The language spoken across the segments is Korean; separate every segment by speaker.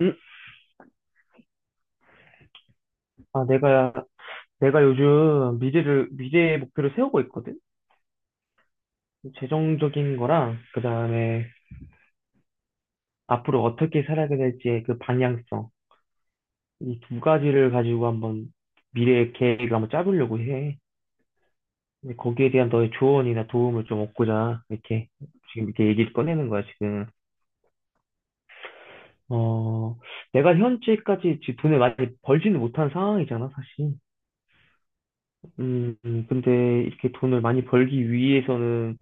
Speaker 1: 음, 아, 내가 요즘 미래의 목표를 세우고 있거든? 재정적인 거랑, 그 다음에 앞으로 어떻게 살아가야 될지의 그 방향성. 이 두 가지를 가지고 한번 미래의 계획을 한번 짜보려고 해. 근데 거기에 대한 너의 조언이나 도움을 좀 얻고자, 이렇게, 지금 이렇게 얘기를 꺼내는 거야, 지금. 어, 내가 현재까지 지금 돈을 많이 벌지는 못한 상황이잖아, 사실. 근데 이렇게 돈을 많이 벌기 위해서는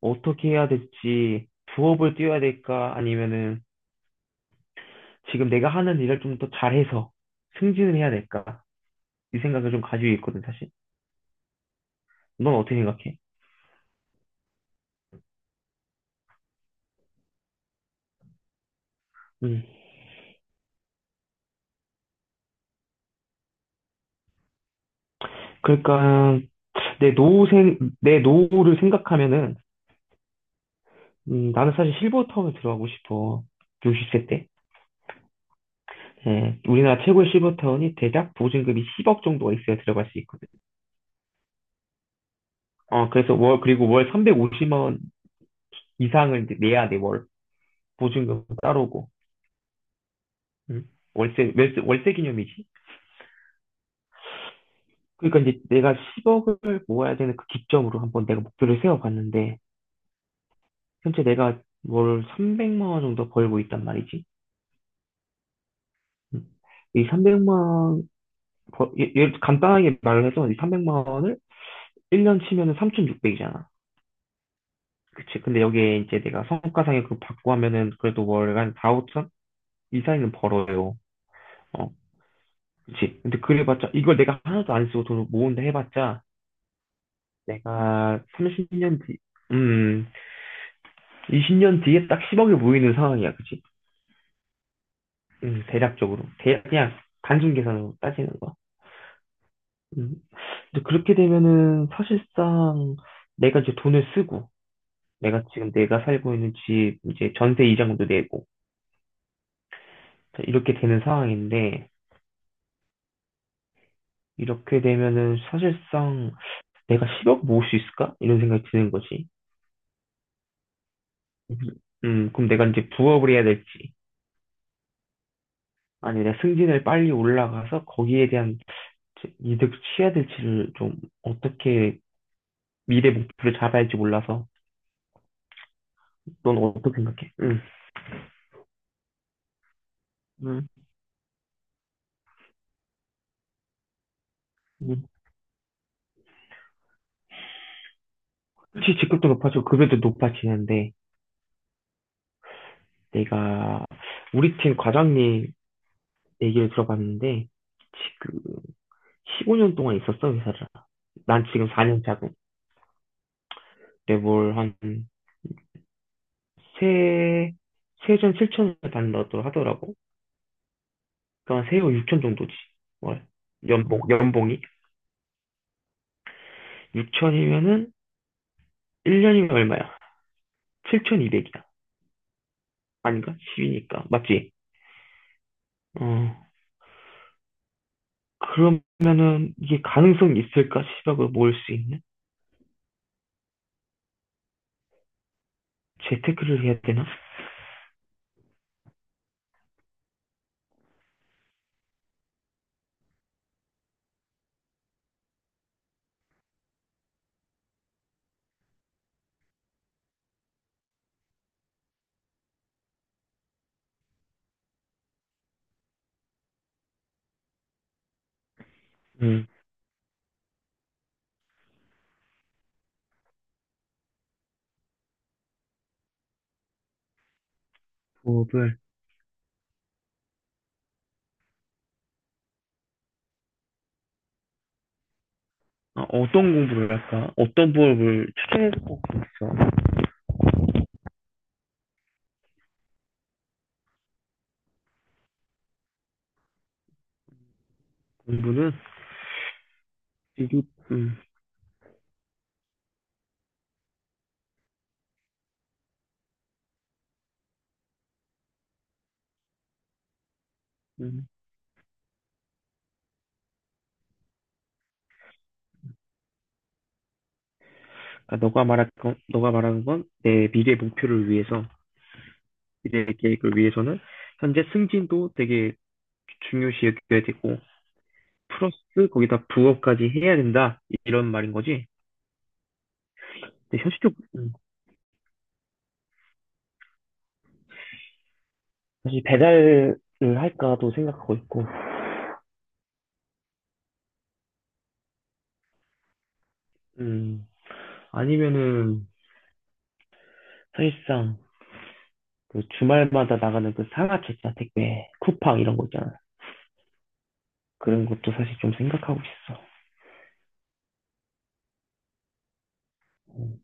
Speaker 1: 어떻게 해야 될지 부업을 뛰어야 될까, 아니면은 지금 내가 하는 일을 좀 더 잘해서 승진을 해야 될까, 이 생각을 좀 가지고 있거든, 사실. 넌 어떻게 생각해? 음 그러니까 내 노후를 생각하면은, 나는 사실 실버타운에 들어가고 싶어. 60세 때, 예, 우리나라 최고의 실버타운이 대략 보증금이 10억 정도가 있어야 들어갈 수 있거든. 어 그래서 월 350만 원 이상을 이제 내야 돼월, 보증금 따로고. 음. 월세 기념이지? 그러니까 이제 내가 10억을 모아야 되는, 그 기점으로 한번 내가 목표를 세워봤는데, 현재 내가 월 300만 원 정도 벌고 있단 말이지. 음. 이 300만 원, 예를 들어 간단하게 말을 해서 이 300만 원을 1년 치면은 3,600이잖아. 그치. 근데 여기에 이제 내가 성과상여금 받고 하면은 그래도 월간 4, 5천 이상은 벌어요. 어, 그치. 근데 그래봤자, 이걸 내가 하나도 안 쓰고 돈을 모은다 해봤자, 내가 30년 뒤, 음, 20년 뒤에 딱 10억이 모이는 상황이야, 그치? 대략적으로. 대략, 그냥 단순 계산으로 따지는 거야. 음. 근데 그렇게 되면은 사실상 내가 이제 돈을 쓰고, 내가 살고 있는 집, 이제 전세 이자금도 내고, 자, 이렇게 되는 상황인데, 이렇게 되면은 사실상 내가 10억 모을 수 있을까, 이런 생각이 드는 거지. 그럼 내가 이제 부업을 해야 될지, 아니면 내가 승진을 빨리 올라가서 거기에 대한 이득 취해야 될지를, 좀 어떻게 미래 목표를 잡아야 할지 몰라서. 넌 어떻게 생각해? 응. 응. 응그직히 직급도 높아지고 급여도 높아지는데, 내가 우리 팀 과장님 얘기를 들어봤는데, 지금 15년 동안 있었어 회사를. 난 지금 4년 차고, 내뭘 한 세, 세전 7천을 받는다고 하더라고. 그러니까 세후 6천 정도지, 월. 연봉이 6천이면은 1년이면 얼마야? 7,200이야. 아닌가? 10이니까 맞지? 어 그러면은 이게 가능성이 있을까? 시각을 모을 수 있는? 재테크를 해야 되나? 음, 부업을. 아, 어떤 공부를 할까? 어떤 부업을 추천해 줄 것 같아. 공부는 미리. 음, 음. 아, 너가 말하는 건 내 미래 목표를 위해서, 미래 계획을 위해서는 현재 승진도 되게 중요시 여겨야 되고, 플러스 거기다 부업까지 해야 된다 이런 말인 거지. 근데 현실적으로, 사실 배달을 할까도 생각하고 있고, 음, 아니면은 사실상 그 주말마다 나가는 그 상하차 택배 쿠팡 이런 거 있잖아. 그런 것도 사실 좀 생각하고 있어. 음,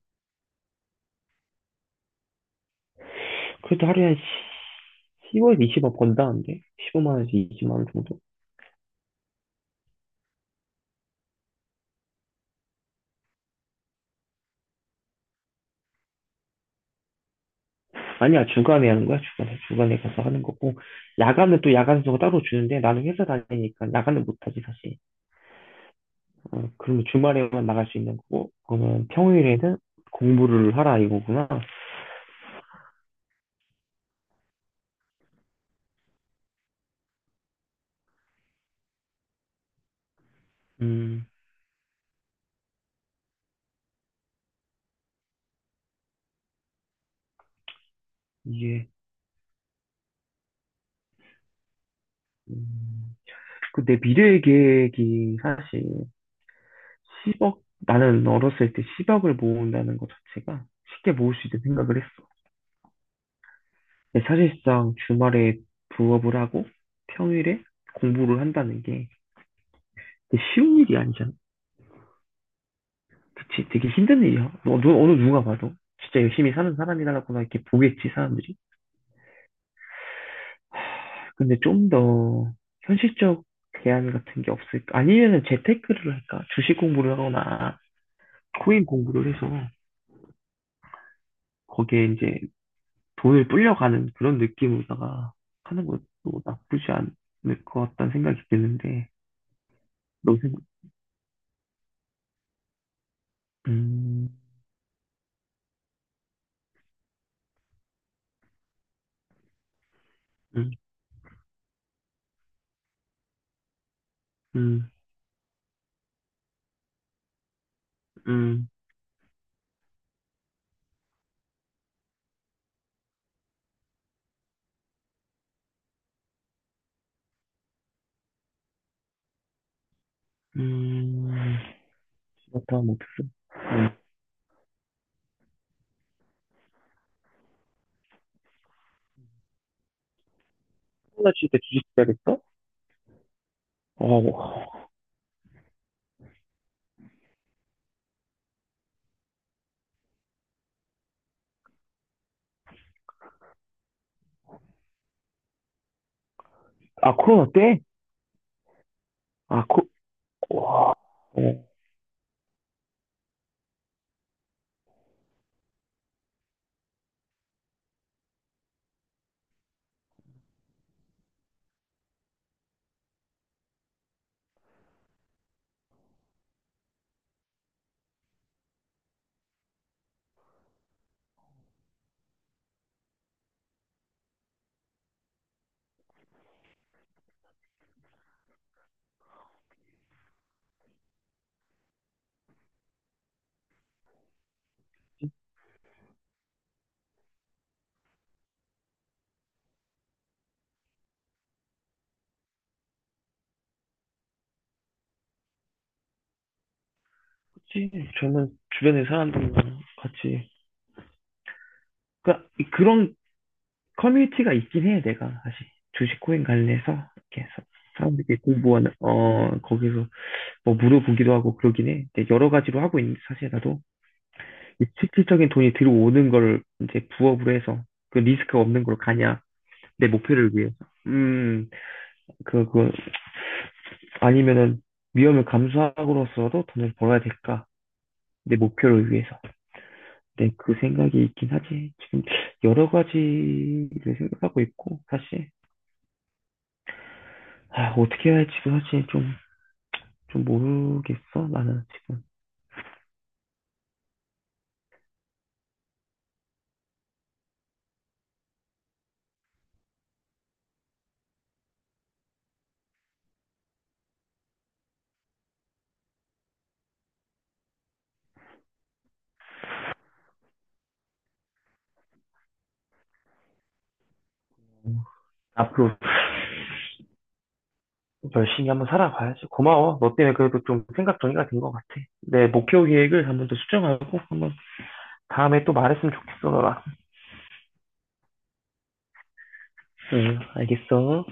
Speaker 1: 그래도 하루에 한 1에서 20억 번다는데, 15만 원에서 20만 원 정도? 아니야. 주간에 하는 거야. 주간에 가서 하는 거고, 야간은 또 야간수가 따로 주는데, 나는 회사 다니니까 야간은 못 하지, 사실. 어, 그러면 주말에만 나갈 수 있는 거고, 그러면 평일에는 공부를 하라 이거구나. 음 이게, 음, 그 내 미래 계획이 사실 10억, 나는 어렸을 때 10억을 모은다는 것 자체가 쉽게 모을 수 있는 생각을 했어. 근데 사실상 주말에 부업을 하고 평일에 공부를 한다는 게 되게 쉬운 일이 아니잖아. 그치? 되게 힘든 일이야. 어느 누가 봐도. 진짜 열심히 사는 사람이라구나 이렇게 보겠지, 사람들이. 근데 좀 더 현실적 대안 같은 게 없을까? 아니면은 재테크를 할까? 주식 공부를 하거나 코인 공부를 해서 거기에 이제 돈을 불려가는 그런 느낌으로다가 하는 것도 나쁘지 않을 것 같다는 생각이 드는데, 너 생각, 음, 음, 음, 음, 음, 그렇다, 뭐, 들어. 음. 코로나 시대 때 주식 해야겠어? 어, 아, 코로나 때? 아, 와, 어, 그치. 저는 주변의 사람들과 같이, 그니까, 그런 커뮤니티가 있긴 해, 내가, 사실. 주식 코인 관련해서, 이렇게 해서. 사람들이 공부하는, 어, 거기서 뭐 물어보기도 하고 그러긴 해. 근데 여러 가지로 하고 있는데 사실 나도 이 실질적인 돈이 들어오는 걸 이제 부업으로 해서 그 리스크 없는 걸로 가냐. 내 목표를 위해서. 음, 그, 그, 아니면은 위험을 감수하고로서도 돈을 벌어야 될까? 내 목표를 위해서. 네, 그 생각이 있긴 하지. 지금 여러 가지를 생각하고 있고, 사실. 아, 어떻게 해야 할지도 사실 좀, 모르겠어, 나는 지금. 어, 앞으로 열심히 한번 살아봐야지. 고마워. 너 때문에 그래도 좀 생각 정리가 된 것 같아. 내 목표 계획을 한번 더 수정하고, 한번 다음에 또 말했으면 좋겠어, 너랑. 응, 알겠어.